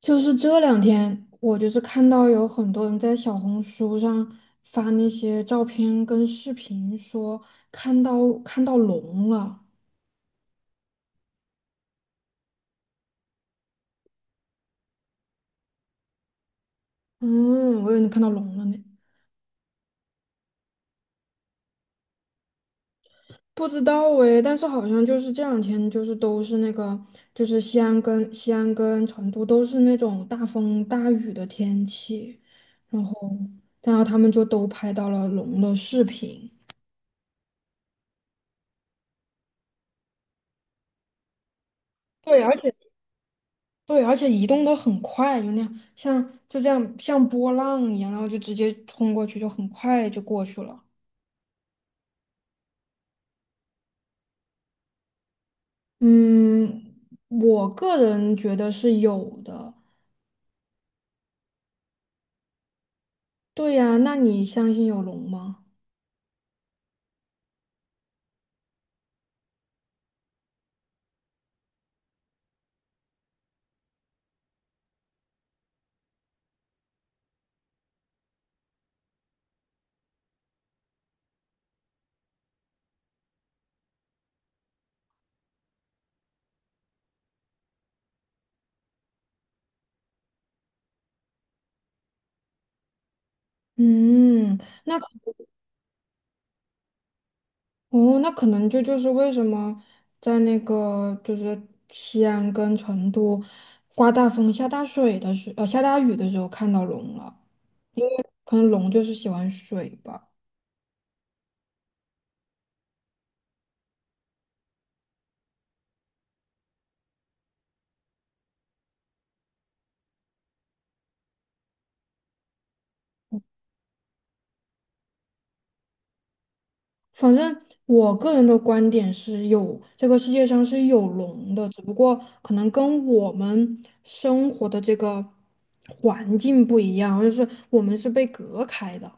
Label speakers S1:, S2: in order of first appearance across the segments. S1: 就是这两天，我就是看到有很多人在小红书上发那些照片跟视频，说看到龙了。嗯，我以为你看到龙了呢，不知道诶，但是好像就是这两天，就是都是那个，就是西安跟成都都是那种大风大雨的天气，然后然后他们就都拍到了龙的视频。对，对，而且移动的很快，就那样，像就这样像波浪一样，然后就直接冲过去，就很快就过去了。嗯，我个人觉得是有的。对呀，那你相信有龙吗？嗯，那可哦，那可能这就是为什么在那个就是西安跟成都刮大风、下大雨的时候看到龙了，可能龙就是喜欢水吧。反正我个人的观点是有，这个世界上是有龙的，只不过可能跟我们生活的这个环境不一样，就是我们是被隔开的。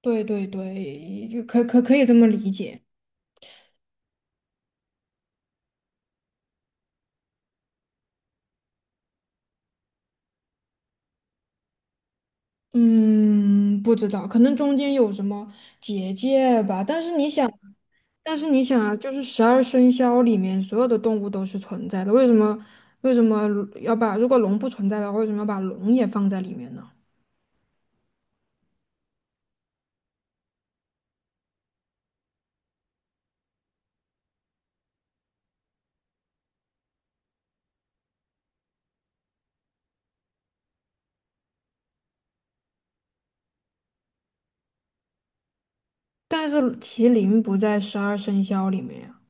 S1: 对对对，就可以这么理解。嗯，不知道，可能中间有什么结界吧。但是你想啊，就是十二生肖里面所有的动物都是存在的，为什么为什么要把如果龙不存在的话，为什么要把龙也放在里面呢？但是麒麟不在十二生肖里面呀。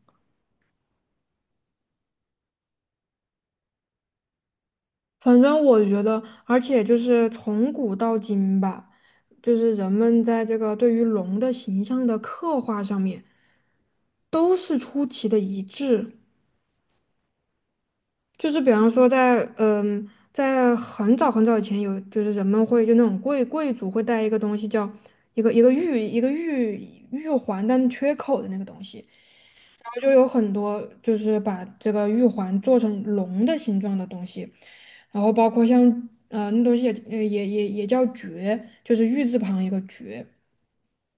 S1: 反正我觉得，而且就是从古到今吧，就是人们在这个对于龙的形象的刻画上面，都是出奇的一致。就是比方说在，在很早很早以前有，就是人们会就那种贵族会带一个东西叫一个玉环，但缺口的那个东西。就有很多就是把这个玉环做成龙的形状的东西，然后包括像那东西也叫珏，就是玉字旁一个珏，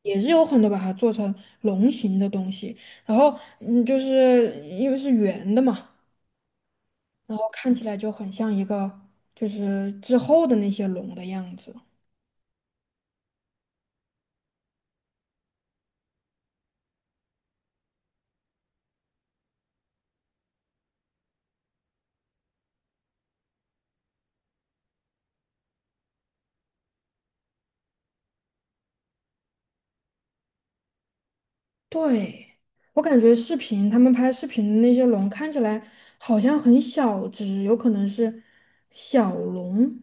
S1: 也是有很多把它做成龙形的东西。然后就是因为是圆的嘛，然后看起来就很像一个就是之后的那些龙的样子。对，我感觉视频他们拍视频的那些龙看起来好像很小只，有可能是小龙。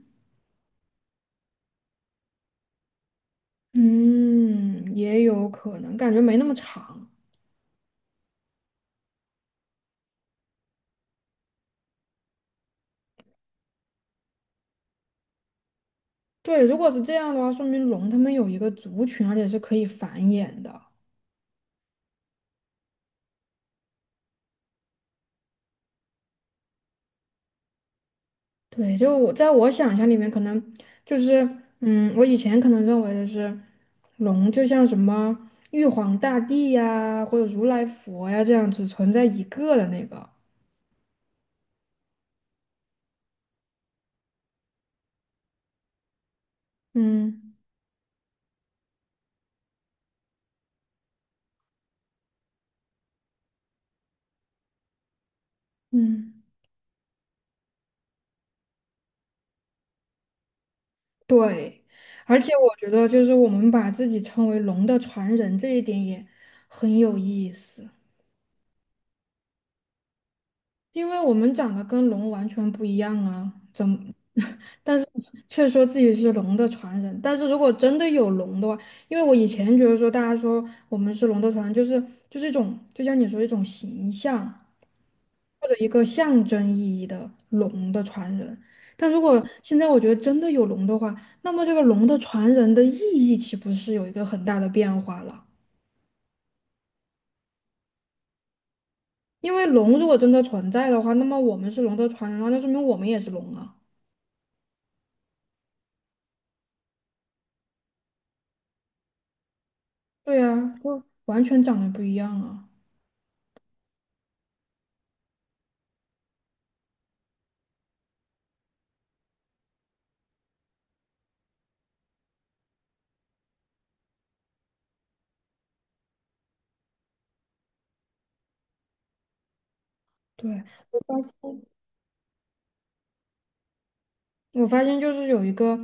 S1: 嗯，也有可能，感觉没那么长。对，如果是这样的话，说明龙它们有一个族群，而且是可以繁衍的。对，就我在我想象里面，可能就是，我以前可能认为的是，龙就像什么玉皇大帝呀，或者如来佛呀这样只存在一个的那个。嗯嗯，对。而且我觉得，就是我们把自己称为龙的传人这一点也很有意思。因为我们长得跟龙完全不一样啊，怎么？但是却说自己是龙的传人。但是如果真的有龙的话，因为我以前觉得说大家说我们是龙的传人，就是一种，就像你说一种形象或者一个象征意义的龙的传人。但如果现在我觉得真的有龙的话，那么这个龙的传人的意义岂不是有一个很大的变化了？因为龙如果真的存在的话，那么我们是龙的传人的话，那说明我们也是龙啊。对呀，就完全长得不一样啊。对，我发现就是有一个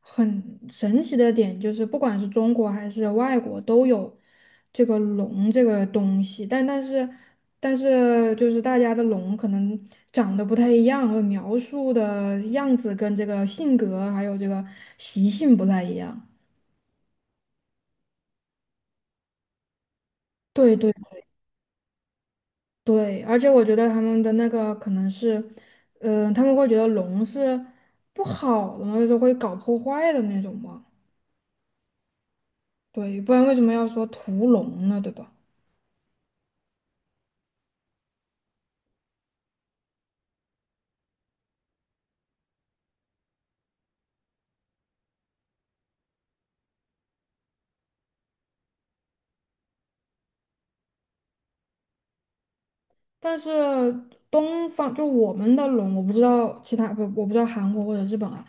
S1: 很神奇的点，就是不管是中国还是外国都有这个龙这个东西，但是就是大家的龙可能长得不太一样，或描述的样子跟这个性格还有这个习性不太一样。对对。对，而且我觉得他们的那个可能是，他们会觉得龙是不好的嘛，就是会搞破坏的那种嘛。对，不然为什么要说屠龙呢？对吧？但是东方就我们的龙，我不知道韩国或者日本啊。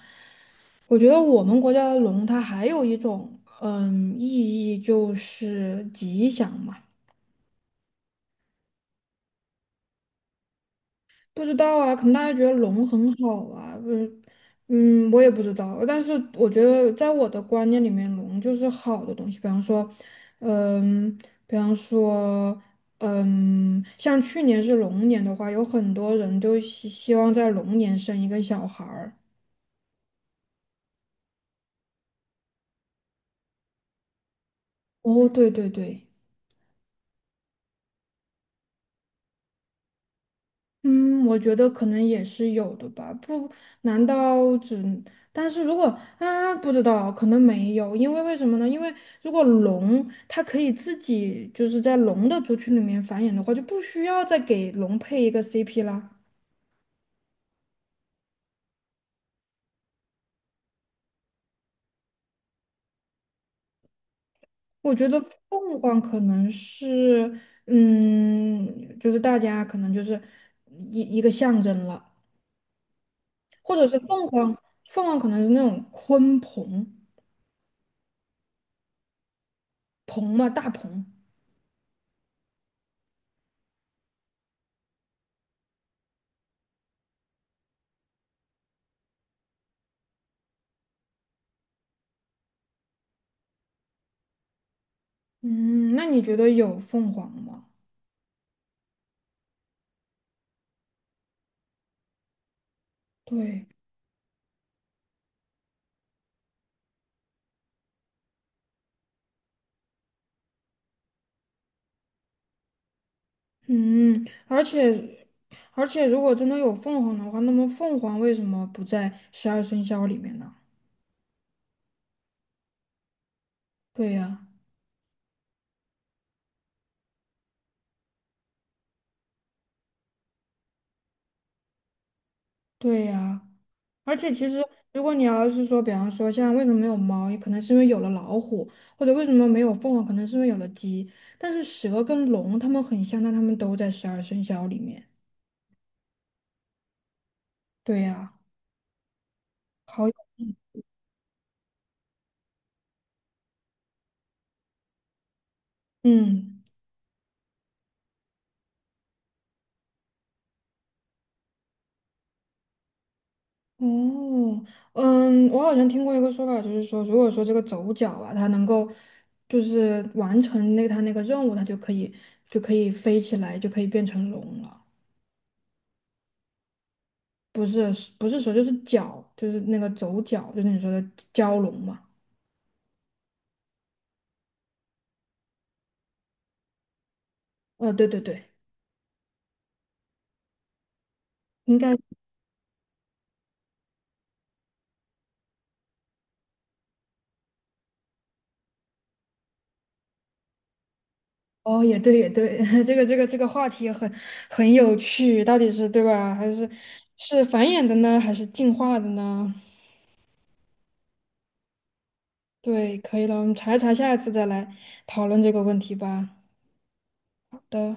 S1: 我觉得我们国家的龙，它还有一种意义，就是吉祥嘛。不知道啊，可能大家觉得龙很好啊，嗯嗯，我也不知道。但是我觉得，在我的观念里面，龙就是好的东西。比方说，嗯，比方说，像去年是龙年的话，有很多人就希望在龙年生一个小孩儿。哦，对对对。嗯，我觉得可能也是有的吧。不，难道只？但是如果啊，不知道，可能没有，为什么呢？因为如果龙它可以自己就是在龙的族群里面繁衍的话，就不需要再给龙配一个 CP 啦。我觉得凤凰可能是，就是大家可能就是一个象征了，或者是凤凰可能是那种鲲鹏，鹏嘛，大鹏。嗯，那你觉得有凤凰吗？对，嗯，而且，如果真的有凤凰的话，那么凤凰为什么不在十二生肖里面呢？对呀，对呀。而且其实，如果你要是说，比方说像为什么没有猫，也可能是因为有了老虎，或者为什么没有凤凰，可能是因为有了鸡。但是蛇跟龙它们很像，但它们都在十二生肖里面。对呀，好，嗯。哦，我好像听过一个说法，就是说，如果说这个走角啊，它能够就是完成那个它那个任务，它就可以飞起来，就可以变成龙了。不是不是蛇，就是脚，就是那个走角，就是你说的蛟龙嘛。对对对，应该。哦，也对也对，这个话题很有趣，到底是对吧？还是繁衍的呢，还是进化的呢？对，可以了，我们查一查，下一次再来讨论这个问题吧。的。